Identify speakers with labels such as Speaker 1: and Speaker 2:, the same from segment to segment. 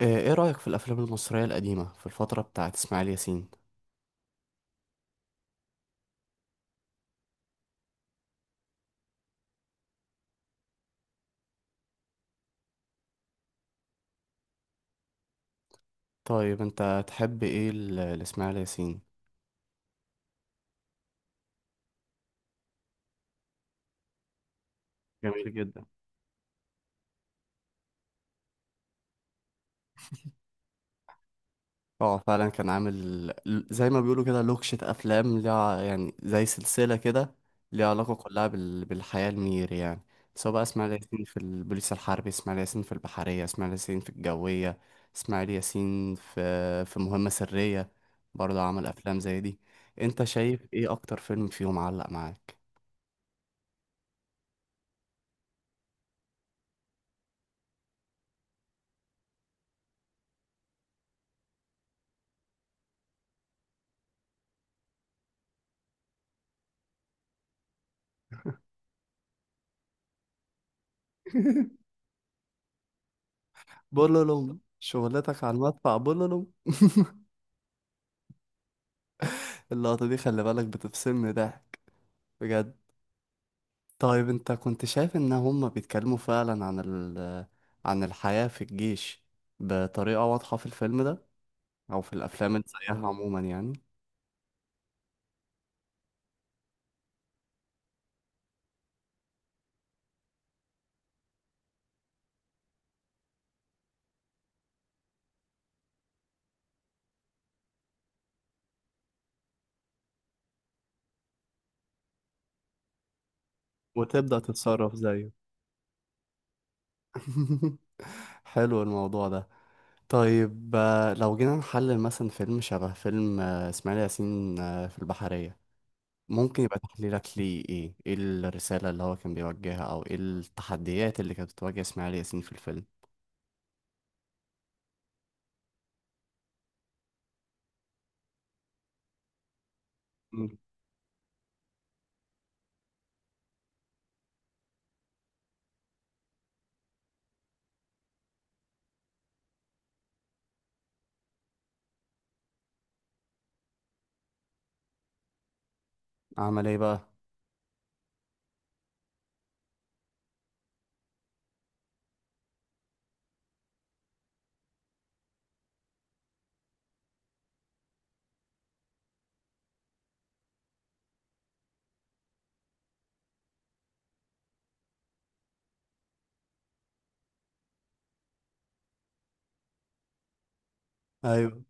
Speaker 1: ايه رأيك في الافلام المصرية القديمة في الفترة بتاعت اسماعيل ياسين؟ طيب، انت تحب ايه لاسماعيل ياسين؟ جميل جدا. اه، فعلا كان عامل زي ما بيقولوا كده لوكشة افلام ليها، يعني زي سلسلة كده، ليها علاقة كلها بالحياة المير يعني. سواء بقى اسماعيل ياسين في البوليس الحربي، اسماعيل ياسين في البحرية، اسماعيل ياسين في الجوية، اسماعيل ياسين في مهمة سرية. برضه عمل افلام زي دي. انت شايف ايه اكتر فيلم فيهم علق معاك؟ بولولوم شغلتك على المدفع بولولوم اللقطة دي خلي بالك بتفصلني ضحك، بجد. طيب، انت كنت شايف ان هما بيتكلموا فعلا عن عن الحياة في الجيش بطريقة واضحة في الفيلم ده او في الافلام اللي زيها عموما يعني؟ وتبدأ تتصرف زيه. حلو الموضوع ده. طيب، لو جينا نحلل مثلا فيلم شبه فيلم، اسماعيل ياسين في البحرية، ممكن يبقى تحليلك ليه ايه الرسالة اللي هو كان بيوجهها، او ايه التحديات اللي كانت بتواجه اسماعيل ياسين في الفيلم؟ مم. عمل ايه بقى؟ ايوه.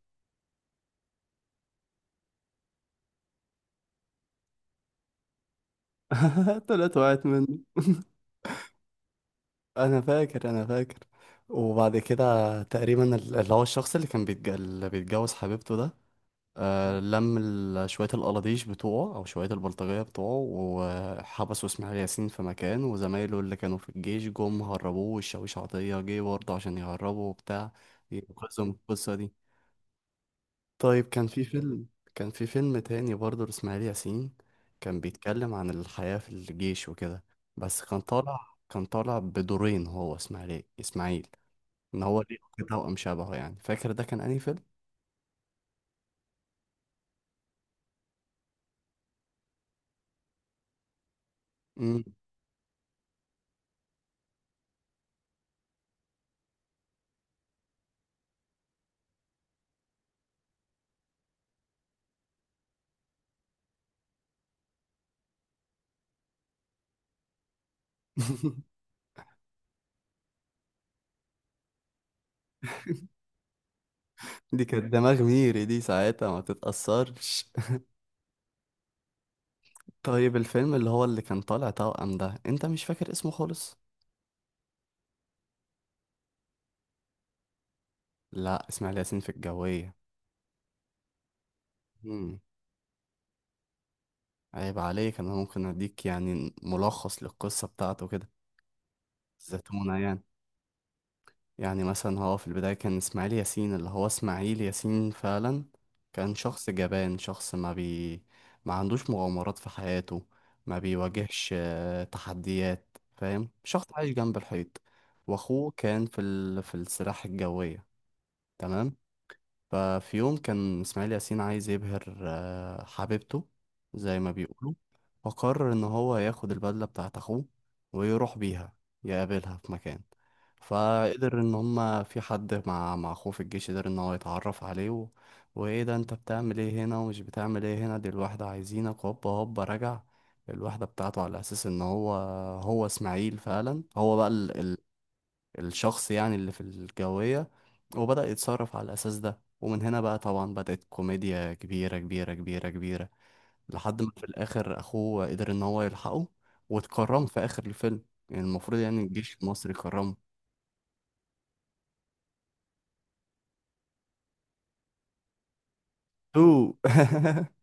Speaker 1: طلعت وقعت منه انا فاكر، انا فاكر. وبعد كده تقريبا اللي هو الشخص اللي كان اللي بيتجوز حبيبته ده، لم شوية القلاديش بتوعه أو شوية البلطجية بتوعه، وحبسوا إسماعيل ياسين في مكان، وزمايله اللي كانوا في الجيش جم هربوه، والشاويش عطية جه برضه عشان يهربه وبتاع، ينقذهم من القصة دي. طيب، كان في فيلم، كان في فيلم تاني برضه لإسماعيل ياسين، كان بيتكلم عن الحياة في الجيش وكده، بس كان طالع بدورين، هو إسماعيل إسماعيل. إن هو ليه توأم شبهه يعني. فاكر ده كان أنهي فيلم؟ مم. دي كانت دماغ ميري، دي ساعتها ما تتأثرش. طيب، الفيلم اللي هو اللي كان طالع توأم ده، انت مش فاكر اسمه خالص؟ لا، اسماعيل ياسين في الجوية. مم. عيب عليك. انا ممكن اديك يعني ملخص للقصة بتاعته كده، الزتونة يعني. يعني مثلا هو في البداية كان إسماعيل ياسين، اللي هو إسماعيل ياسين فعلا، كان شخص جبان، شخص ما عندوش مغامرات في حياته، ما بيواجهش تحديات، فاهم، شخص عايش جنب الحيط. وأخوه كان في في السلاح الجوية. تمام. ففي يوم كان إسماعيل ياسين عايز يبهر حبيبته، زي ما بيقولوا. فقرر إن هو ياخد البدلة بتاعت أخوه، ويروح بيها يقابلها في مكان. فقدر إن هما في حد مع أخوه في الجيش قدر إن هو يتعرف عليه وإيه ده، أنت بتعمل إيه هنا؟ ومش بتعمل إيه هنا؟ دي الواحدة عايزينك، هوبا هوبا رجع، الواحدة بتاعته، على أساس إن هو، هو إسماعيل فعلا، هو بقى الشخص يعني اللي في الجوية. وبدأ يتصرف على الأساس ده، ومن هنا بقى طبعا بدأت كوميديا كبيرة كبيرة كبيرة كبيرة. لحد ما في الآخر أخوه قدر إن هو يلحقه، واتكرم في آخر الفيلم، يعني المفروض يعني الجيش المصري كرمه. تو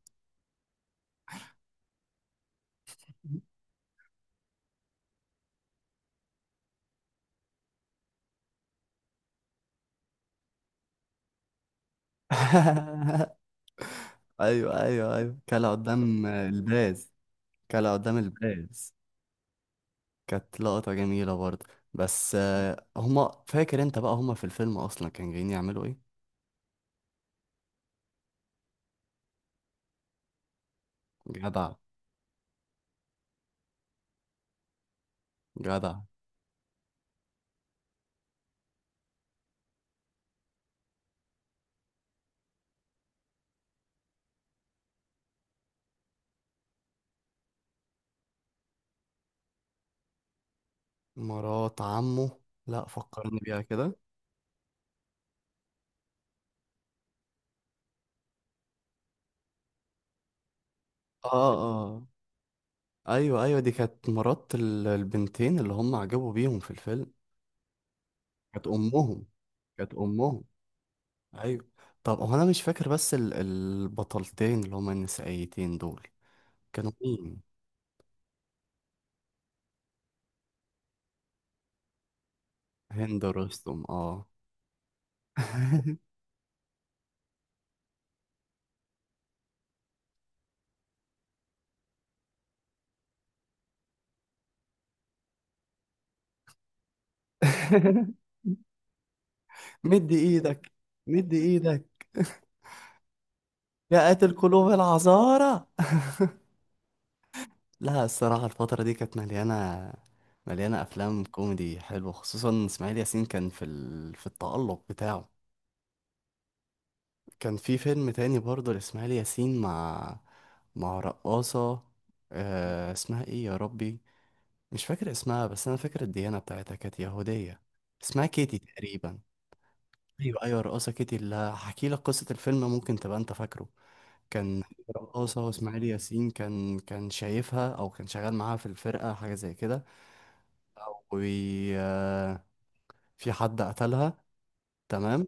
Speaker 1: أيوه أيوه أيوه، كلا قدام الباز. كلا قدام الباز. كانت لقطة جميلة برضه. بس هما، فاكر انت بقى هما في الفيلم اصلا كانوا جايين يعملوا ايه؟ جدع جدع. مرات عمه. لا، فكرني بيها كده. اه، اه، ايوه ايوه، دي كانت مرات البنتين اللي هم عجبوا بيهم في الفيلم. كانت امهم. كانت امهم. ايوه. طب هو انا مش فاكر، بس البطلتين اللي هم النسائيتين دول، كانوا مين؟ هند رستم، اه. مد ايدك. مد ايدك، يا قاتل قلوب العذارى. لا، الصراحة الفترة دي كانت مليانة، مليانة أفلام كوميدي حلوة، خصوصا إسماعيل ياسين كان في في التألق بتاعه. كان في فيلم تاني برضه لإسماعيل ياسين مع رقاصة، اسمها إيه يا ربي؟ مش فاكر اسمها، بس أنا فاكر الديانة بتاعتها كانت يهودية. اسمها كيتي تقريبا. أيوة أيوة، رقاصة كيتي. اللي هحكي لك قصة الفيلم ممكن تبقى أنت فاكره. كان رقاصة وإسماعيل ياسين كان شايفها، أو كان شغال معاها في الفرقة، حاجة زي كده. وفي حد قتلها، تمام،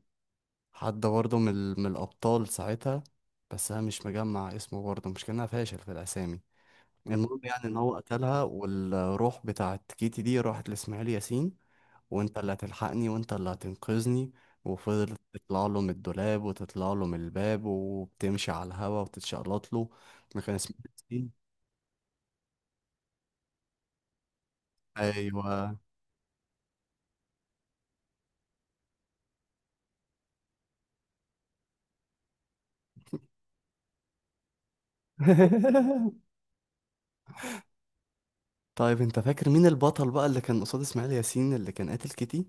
Speaker 1: حد برضه من الأبطال ساعتها. بس أنا مش مجمع اسمه برضه، مش كأنها، فاشل في الأسامي. المهم يعني إن هو قتلها، والروح بتاعت كيتي دي راحت لإسماعيل ياسين: وأنت اللي هتلحقني، وأنت اللي هتنقذني. وفضلت تطلع له من الدولاب وتطلع له من الباب، وبتمشي على الهوا وتتشقلط له. ما كان إسماعيل ياسين. أيوه. طيب، انت فاكر مين البطل بقى اللي كان قصاد اسماعيل ياسين، اللي كان قاتل كيتي؟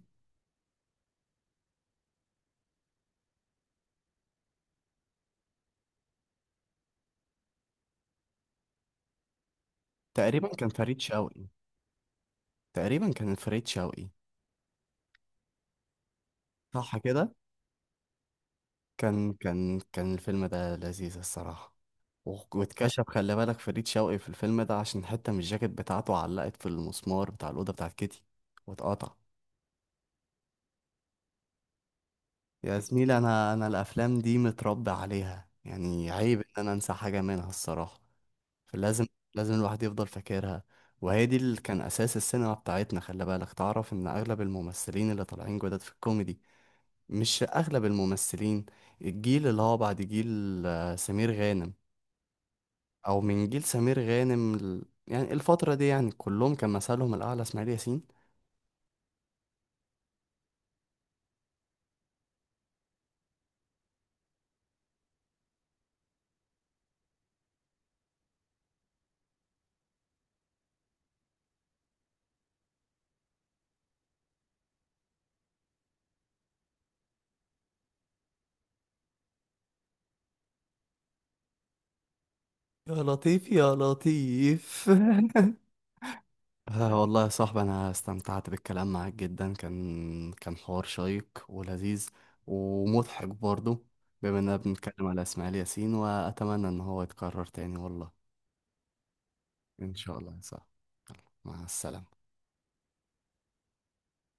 Speaker 1: تقريبا كان فريد شوقي. تقريبا كان فريد شوقي. صح كده؟ كان الفيلم ده لذيذ الصراحة. واتكشف، خلي بالك، فريد شوقي في الفيلم ده عشان حتة من الجاكيت بتاعته علقت في المسمار بتاع الأوضة بتاعت كيتي، واتقطع. يا زميلي، أنا الأفلام دي متربي عليها، يعني عيب إن أنا أنسى حاجة منها الصراحة. فلازم، لازم الواحد يفضل فاكرها. وهي دي اللي كان أساس السينما بتاعتنا. خلي بالك، تعرف إن أغلب الممثلين اللي طالعين جداد في الكوميدي، مش اغلب الممثلين، الجيل اللي هو بعد جيل سمير غانم، او من جيل سمير غانم، يعني الفترة دي، يعني كلهم كان مثلهم الاعلى اسماعيل ياسين. يا لطيف، يا لطيف. آه والله يا صاحبي، انا استمتعت بالكلام معاك جدا. كان حوار شيق ولذيذ، ومضحك برضه، بما اننا بنتكلم على اسماعيل ياسين، واتمنى ان هو يتكرر تاني والله. ان شاء الله يا صاحبي. مع السلامة.